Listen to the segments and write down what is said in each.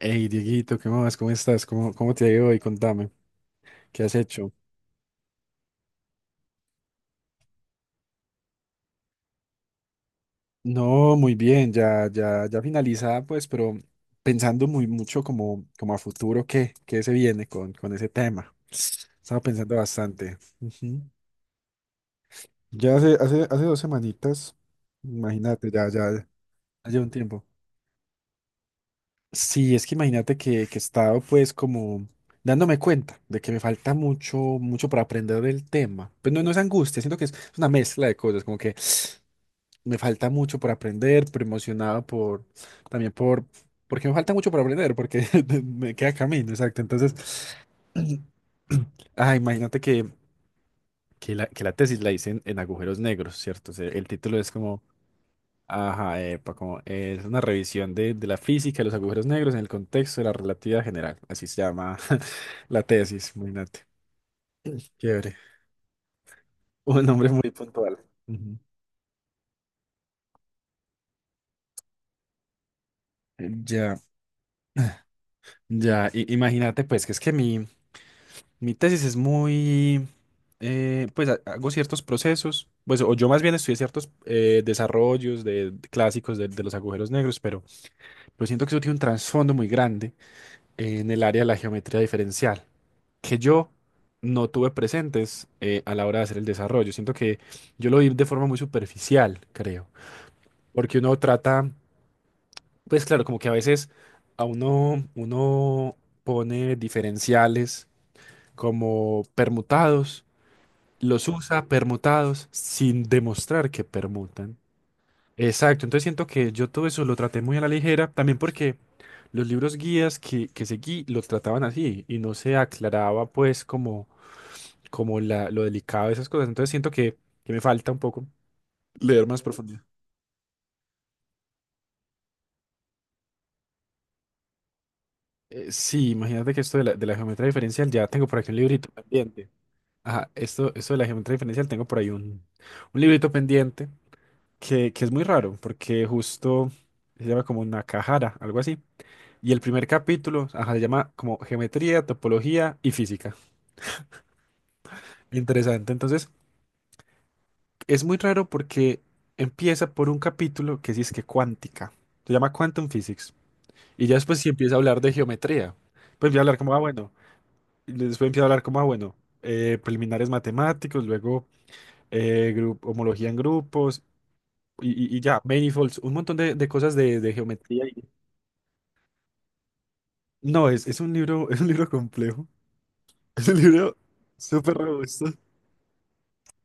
Hey, Dieguito, ¿qué más? ¿Cómo estás? ¿Cómo te ha ido hoy? Contame, ¿qué has hecho? No, muy bien, ya, ya, ya finalizada, pues, pero pensando muy mucho como, como a futuro, ¿qué se viene con ese tema? Estaba pensando bastante. Ujú. Ya hace dos semanitas, imagínate, ya, ya, ya lleva un tiempo. Sí, es que imagínate que he estado pues como dándome cuenta de que me falta mucho, mucho para aprender del tema. Pues no, no es angustia, siento que es una mezcla de cosas, como que me falta mucho por aprender, pero emocionado por, también por, porque me falta mucho por aprender, porque me queda camino, exacto. Entonces, imagínate que, que la tesis la hice en agujeros negros, ¿cierto? O sea, el título es como, ajá, epa, como es una revisión de la física de los agujeros negros en el contexto de la relatividad general. Así se llama la tesis, imagínate. Chévere. Un nombre muy puntual. Ujú. Ya, ya, imagínate pues que es que mi tesis es muy, pues hago ciertos procesos, pues o yo más bien estudié ciertos desarrollos de clásicos de los agujeros negros, pero siento que eso tiene un trasfondo muy grande en el área de la geometría diferencial, que yo no tuve presentes a la hora de hacer el desarrollo. Siento que yo lo vi de forma muy superficial, creo, porque uno trata, pues claro, como que a veces a uno pone diferenciales como permutados los usa permutados sin demostrar que permutan. Exacto, entonces siento que yo todo eso lo traté muy a la ligera, también porque los libros guías que seguí los trataban así y no se aclaraba pues como, como la, lo delicado de esas cosas, entonces siento que me falta un poco leer más profundidad. Sí, imagínate que esto de la geometría diferencial, ya tengo por aquí un librito pendiente. Ajá, esto de la geometría diferencial, tengo por ahí un librito pendiente que es muy raro, porque justo se llama como Nakahara, algo así. Y el primer capítulo, ajá, se llama como Geometría, Topología y Física. Interesante. Entonces, es muy raro porque empieza por un capítulo que sí es que cuántica. Se llama Quantum Physics. Y ya después sí empieza a hablar de geometría. Pues empieza a hablar como, ah, bueno. Y después empieza a hablar como, bueno, preliminares matemáticos, luego homología en grupos y, y ya, manifolds, un montón de cosas de geometría. No, es un libro, es un libro complejo. Es un libro súper robusto.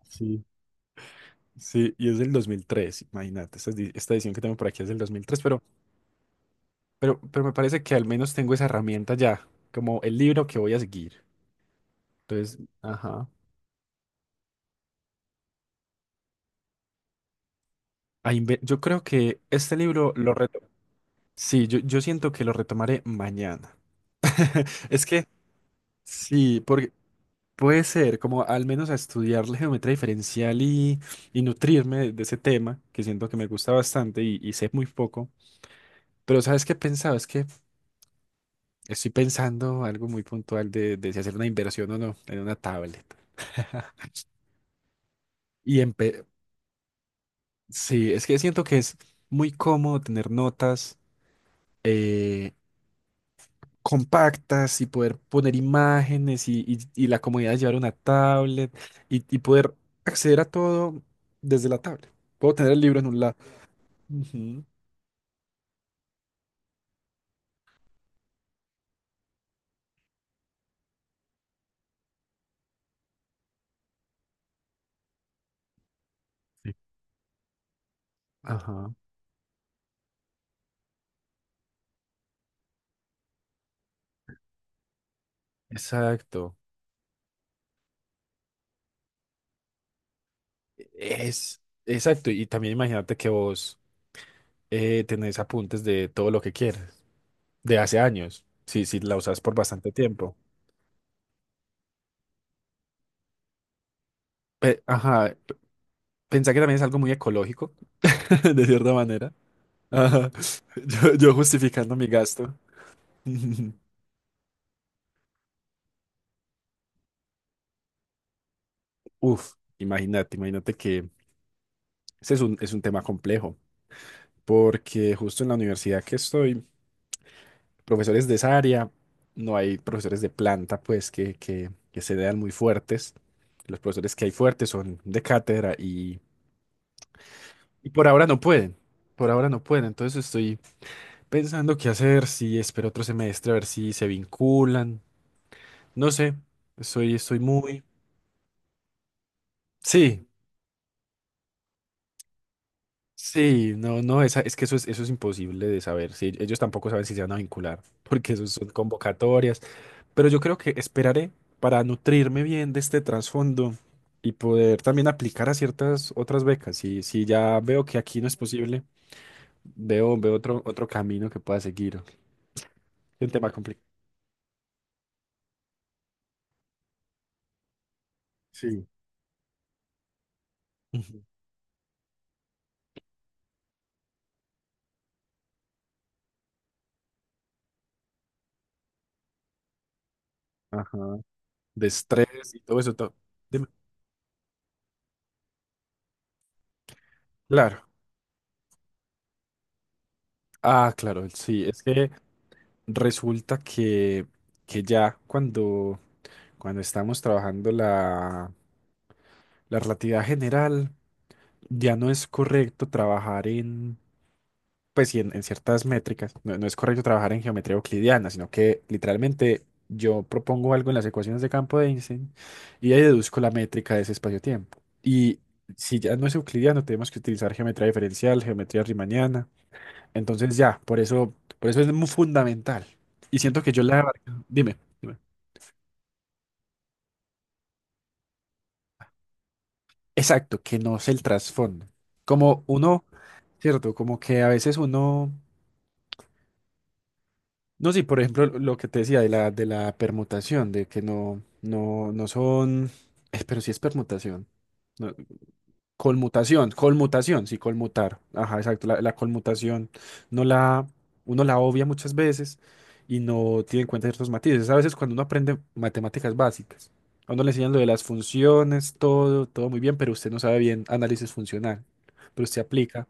Sí. Sí, y es del 2003, imagínate. Esta, esta edición que tengo por aquí es del 2003 pero, pero me parece que al menos tengo esa herramienta ya, como el libro que voy a seguir. Entonces, ajá. Yo creo que este libro lo reto. Sí, yo siento que lo retomaré mañana. Es que, sí, porque puede ser, como al menos a estudiar la geometría diferencial y nutrirme de ese tema, que siento que me gusta bastante y sé muy poco. Pero ¿sabes qué he pensado? Es que estoy pensando algo muy puntual de si hacer una inversión o no en una tablet. Y sí, es que siento que es muy cómodo tener notas eh, compactas y poder poner imágenes y, y la comodidad de llevar una tablet y poder acceder a todo desde la tablet. Puedo tener el libro en un lado. Ujú. Sí. Ajá, exacto. Es, exacto. Y también imagínate que vos tenés apuntes de todo lo que quieres, de hace años. Sí, sí, la usas por bastante tiempo. Ajá, pensá que también es algo muy ecológico, de cierta manera. Ajá, yo justificando mi gasto. Uf, imagínate, imagínate que ese es un tema complejo, porque justo en la universidad que estoy profesores de esa área, no hay profesores de planta, pues, que se vean muy fuertes. Los profesores que hay fuertes son de cátedra y por ahora no pueden. Por ahora no pueden. Entonces estoy pensando qué hacer, si espero otro semestre, a ver si se vinculan. No sé, estoy, estoy muy... Sí, sí, no, no, esa, es que eso es imposible de saber. Sí, ellos tampoco saben si se van a vincular, porque eso son convocatorias. Pero yo creo que esperaré para nutrirme bien de este trasfondo y poder también aplicar a ciertas otras becas. Si, si ya veo que aquí no es posible, veo, veo otro, otro camino que pueda seguir. Es un tema complicado. Sí. Ujú. Ajá. De estrés y todo eso. Todo. Dime. Claro. Ah, claro. Sí, es que resulta que ya cuando, cuando estamos trabajando la, la relatividad general, ya no es correcto trabajar pues sí, en ciertas métricas, no, no es correcto trabajar en geometría euclidiana, sino que literalmente yo propongo algo en las ecuaciones de campo de Einstein y ahí deduzco la métrica de ese espacio-tiempo. Y si ya no es euclidiano, tenemos que utilizar geometría diferencial, geometría riemanniana. Entonces ya, por eso es muy fundamental. Y siento que yo la... Dime, dime. Exacto, que no es el trasfondo. Como uno, cierto, como que a veces uno... No, sí, por ejemplo, lo que te decía de la permutación, de que no, no, no son, pero sí es permutación. No, colmutación, colmutación, sí, colmutar. Ajá, exacto. La colmutación no la, uno la obvia muchas veces y no tiene en cuenta ciertos matices. A veces cuando uno aprende matemáticas básicas, a uno le enseñan lo de las funciones, todo, todo muy bien, pero usted no sabe bien análisis funcional. Pero usted aplica.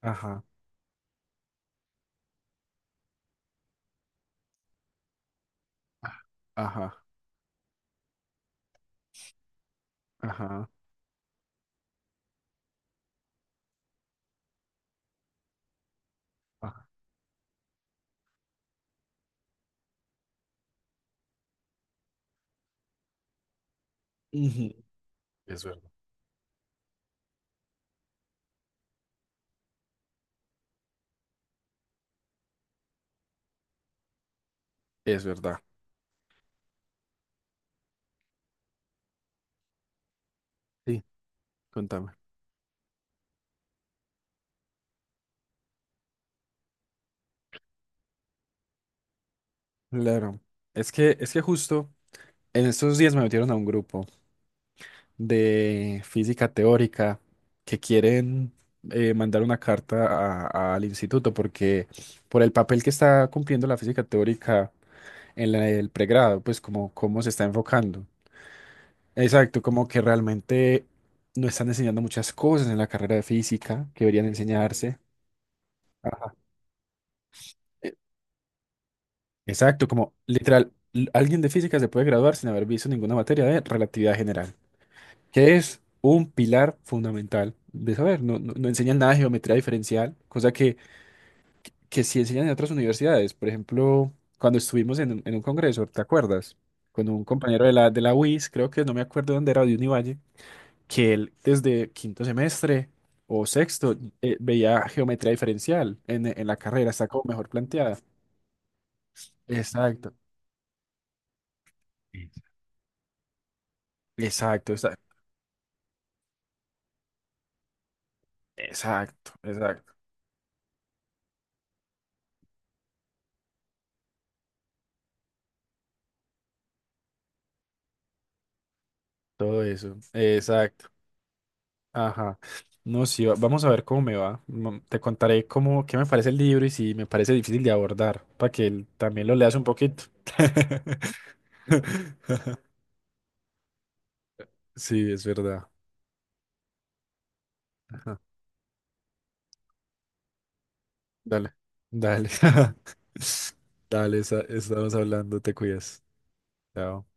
Ajá, ajá, ajá, ajá. Ujú, es verdad. Es verdad. Sí, contame. Claro. Es que justo en estos días me metieron a un grupo de física teórica que quieren mandar una carta al instituto porque por el papel que está cumpliendo la física teórica en el pregrado, pues como cómo se está enfocando. Exacto, como que realmente no están enseñando muchas cosas en la carrera de física que deberían enseñarse. Ajá. Exacto, como literal, alguien de física se puede graduar sin haber visto ninguna materia de relatividad general, que es un pilar fundamental de saber. No, no, no enseñan nada de geometría diferencial, cosa que sí enseñan en otras universidades. Por ejemplo, cuando estuvimos en un congreso, ¿te acuerdas? Con un compañero de la UIS, creo que no me acuerdo dónde era, de Univalle, que él desde quinto semestre o sexto veía geometría diferencial en la carrera, está como mejor planteada. Exacto. Exacto, exacto. Todo eso. Exacto. Ajá. No, sí, vamos a ver cómo me va. Mm, te contaré cómo, qué me parece el libro y si me parece difícil de abordar, para que él también lo leas un poquito. Sí, es verdad. Ajá. Dale, dale. Dale, estamos hablando, te cuidas. Chao.